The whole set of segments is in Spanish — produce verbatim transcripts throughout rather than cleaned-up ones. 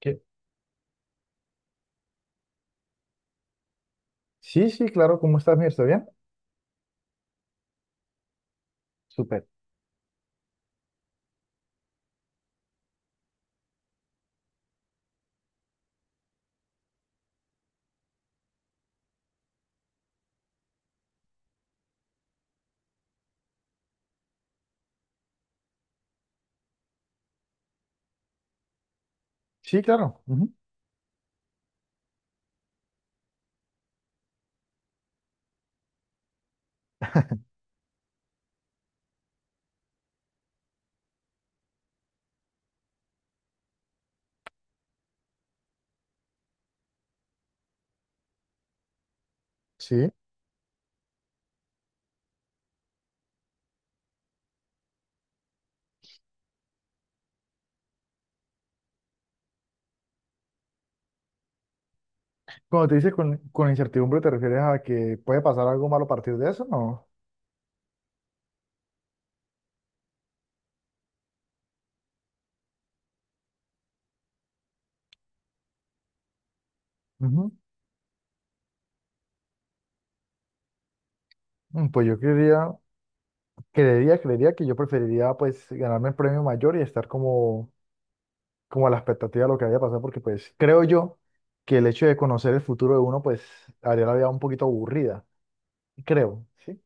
¿Qué? Sí, sí, claro. ¿Cómo estás, Mir? ¿Está bien? Súper. Sí, claro. Ujú. Sí. Cuando te dices con, con incertidumbre, ¿te refieres a que puede pasar algo malo a partir de eso? No. Ujú. Mm, Pues yo creería, creería, creería, que yo preferiría pues ganarme el premio mayor y estar como, como a la expectativa de lo que había pasado, porque pues creo yo que el hecho de conocer el futuro de uno pues haría la vida un poquito aburrida. Creo, ¿sí?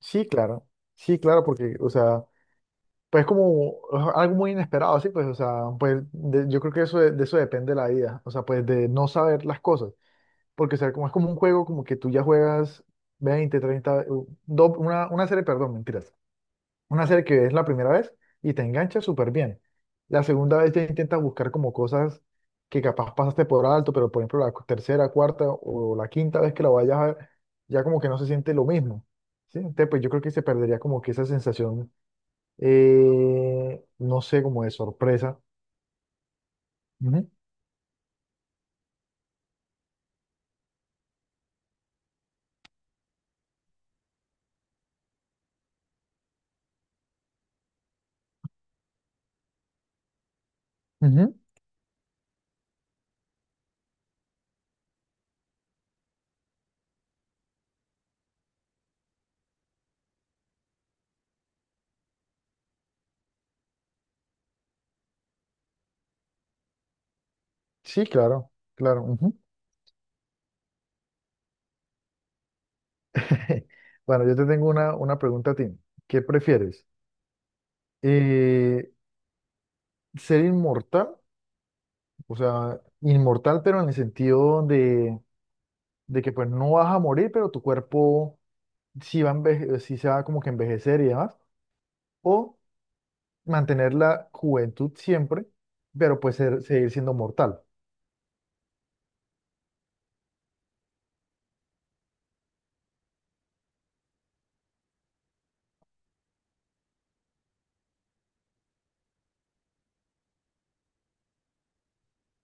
Sí, claro. Sí, claro, porque, o sea, pues como es algo muy inesperado, así pues, o sea, pues de- yo creo que eso de, de eso depende la vida, o sea, pues de no saber las cosas, porque o sea, como es como un juego como que tú ya juegas veinte treinta u- do- una, una serie, perdón, mentiras, una serie que es la primera vez y te engancha súper bien. La segunda vez ya intentas buscar como cosas que capaz pasaste por alto, pero por ejemplo la cu- tercera, cuarta o la quinta vez que la vayas a ver, ya como que no se siente lo mismo, ¿sí? Entonces, pues yo creo que se perdería como que esa sensación, eh, no sé, como de sorpresa. Ujú, ujú. Sí, claro, claro. Ujú. Bueno, yo te tengo una, una, pregunta a ti. ¿Qué prefieres? Eh, ¿ser inmortal? O sea, inmortal, pero en el sentido de, de que pues no vas a morir, pero tu cuerpo sí va a enveje- sí se va como que a envejecer y demás. O mantener la juventud siempre, pero pues ser- seguir siendo mortal.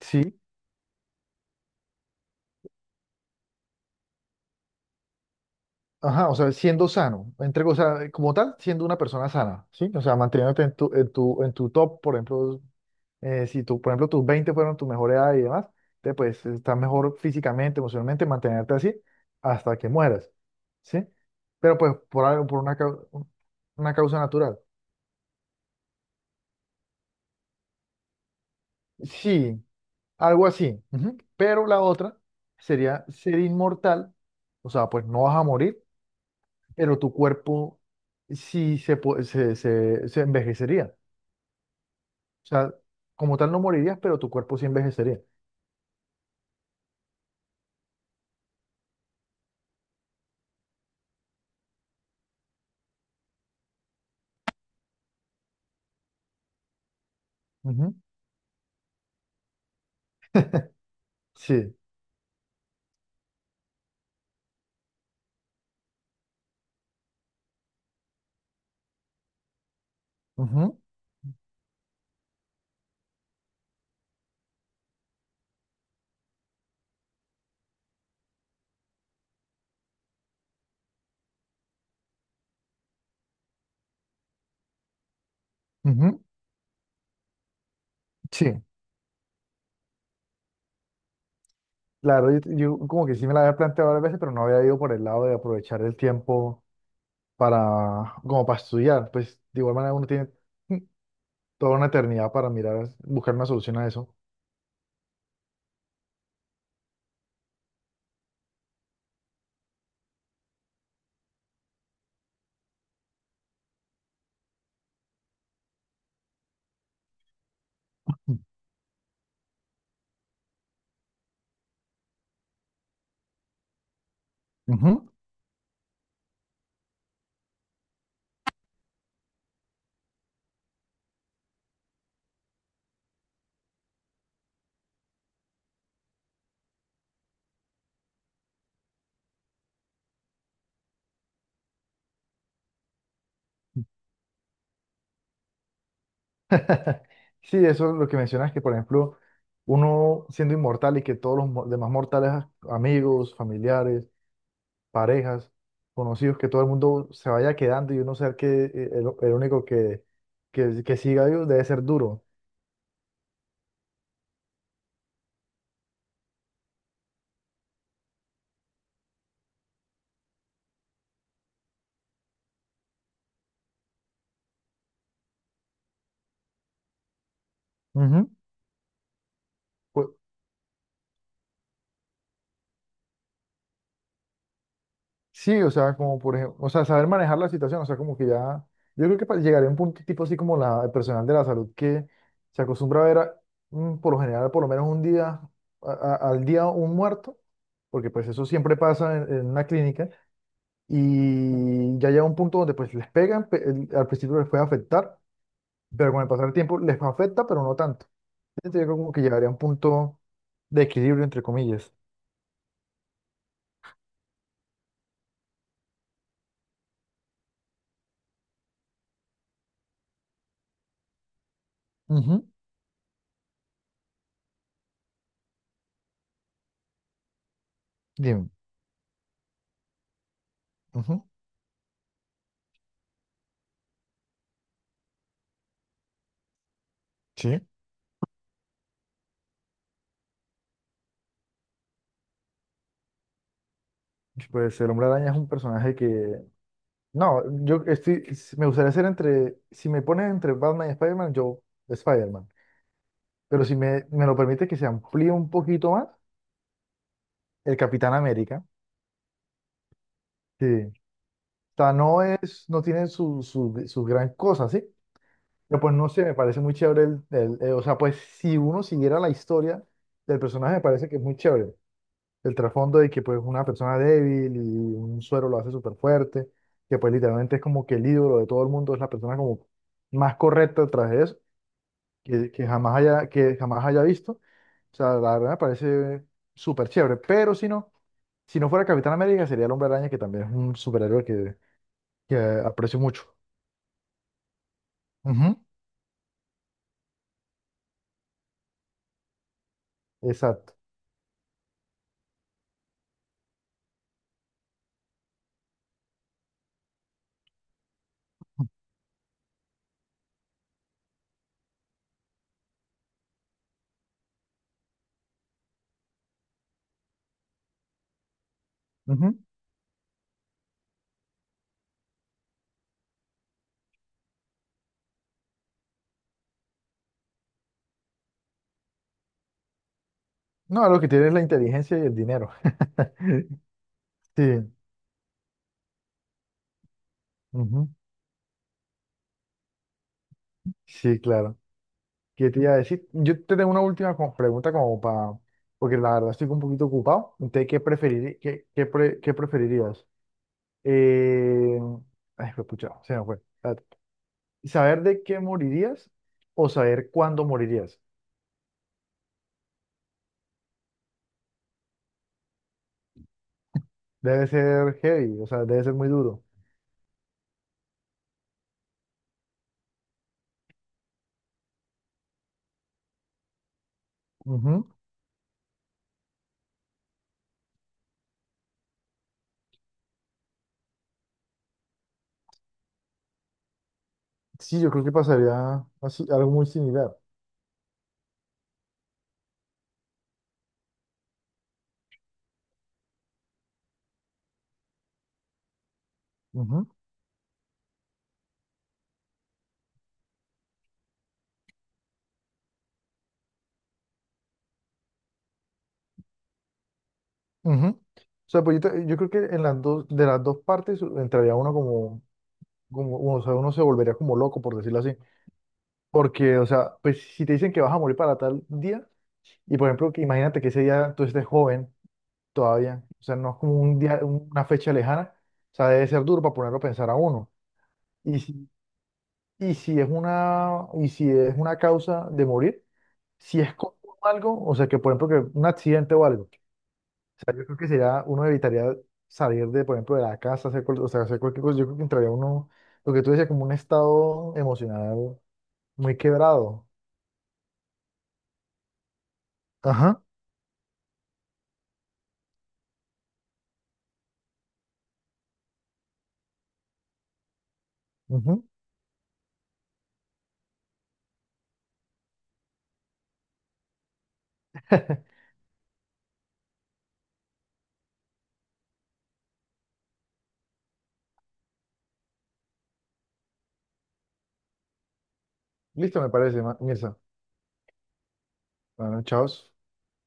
Sí. Ajá, o sea, siendo sano, entre, o sea, como tal, siendo una persona sana, ¿sí? O sea, manteniéndote en tu, en tu, en tu top, por ejemplo, eh, si tú, por ejemplo, tus veinte fueron tu mejor edad y demás, te, pues estás mejor físicamente, emocionalmente, mantenerte así hasta que mueras, ¿sí? Pero pues por algo, por una, cau- una causa natural. Sí, algo así. Ujú. Pero la otra sería ser inmortal, o sea, pues no vas a morir, pero tu cuerpo sí se, pu- se, se se envejecería. O sea, como tal no morirías, pero tu cuerpo sí envejecería. Ujú. Sí. Ujú. Ujú. Sí. Claro, yo, yo como que sí me la había planteado varias veces, pero no había ido por el lado de aprovechar el tiempo para, como para estudiar. Pues de igual manera uno tiene mm, toda una eternidad para mirar, buscar una solución a eso. Ujú. Sí, eso es lo que mencionas, que por ejemplo, uno siendo inmortal y que todos los mo- demás mortales, amigos, familiares, parejas, conocidos, que todo el mundo se vaya quedando y uno ser que, eh, el, el, único que, que, que siga vivo debe ser duro. Ujú. Pues, sí, o sea, como por ejemplo, o sea, saber manejar la situación, o sea, como que ya, yo creo que pa- llegaría a un punto tipo así como la, el personal de la salud que se acostumbra a ver a- mm, por lo general por lo menos un día, a- a- al día un muerto, porque pues eso siempre pasa en, en una clínica. Y ya llega un punto donde pues les pegan, pe- el- al principio les puede afectar, pero con el pasar del tiempo les afecta, pero no tanto. Entonces, yo como que llegaría a un punto de equilibrio, entre comillas. Ujú. Dime. Ujú. Sí. Pues el Hombre Araña es un personaje que... No, yo estoy... s- me gustaría ser entre... Si me pones entre Batman y Spider-Man, yo Spider-Man. Pero si me, me lo permite que se amplíe un poquito más, el Capitán América. Sí. O sea, no es... No tiene su, su, su, gran cosa, ¿sí? Pero pues no sé, me parece muy chévere el, el- eh, o sea, pues si uno siguiera la historia del personaje, me parece que es muy chévere. El trasfondo de que pues una persona débil y un suero lo hace súper fuerte, que pues literalmente es como que el ídolo de todo el mundo, es la persona como más correcta detrás de eso, que, que jamás haya, que jamás haya, visto. O sea, la verdad me parece súper chévere. Pero si no, si no fuera Capitán América, sería el Hombre Araña, que también es un superhéroe que, que aprecio mucho. Ujú. Exacto. No, lo que tiene es la inteligencia y el dinero. Sí, ujú. Sí, claro. ¿Qué te iba a decir? Yo te tengo una última co- pregunta como para, porque la verdad estoy un poquito ocupado. Entonces, ¿qué preferirí- qué, qué pre- qué preferirías? Eh, Ay, fue pucha, se me fue. Espérate. ¿Saber de qué morirías o saber cuándo morirías? Debe ser heavy, o sea, debe ser muy duro. Ujú. Sí, yo creo que pasaría así, algo muy similar. Ujú. O sea, pues yo, te- yo creo que en las dos, de las dos partes entraría uno como, como uno, o sea, uno se volvería como loco, por decirlo así. Porque, o sea, pues si te dicen que vas a morir para tal día, y por ejemplo, que imagínate que ese día tú estés joven todavía, o sea, no es como un día, una fecha lejana, o sea, debe ser duro para ponerlo a pensar a uno. Y si, y si es una, y si es una causa de morir, si es con algo, o sea, que por ejemplo, que un accidente o algo. O sea, yo creo que sería, uno evitaría salir de, por ejemplo, de la casa, hacer, cual- o sea, hacer cualquier cosa. Yo creo que entraría uno, lo que tú decías, como un estado emocional muy quebrado. Ajá. Ujú. Listo, me parece, Ma- Mirza. Bueno, chao.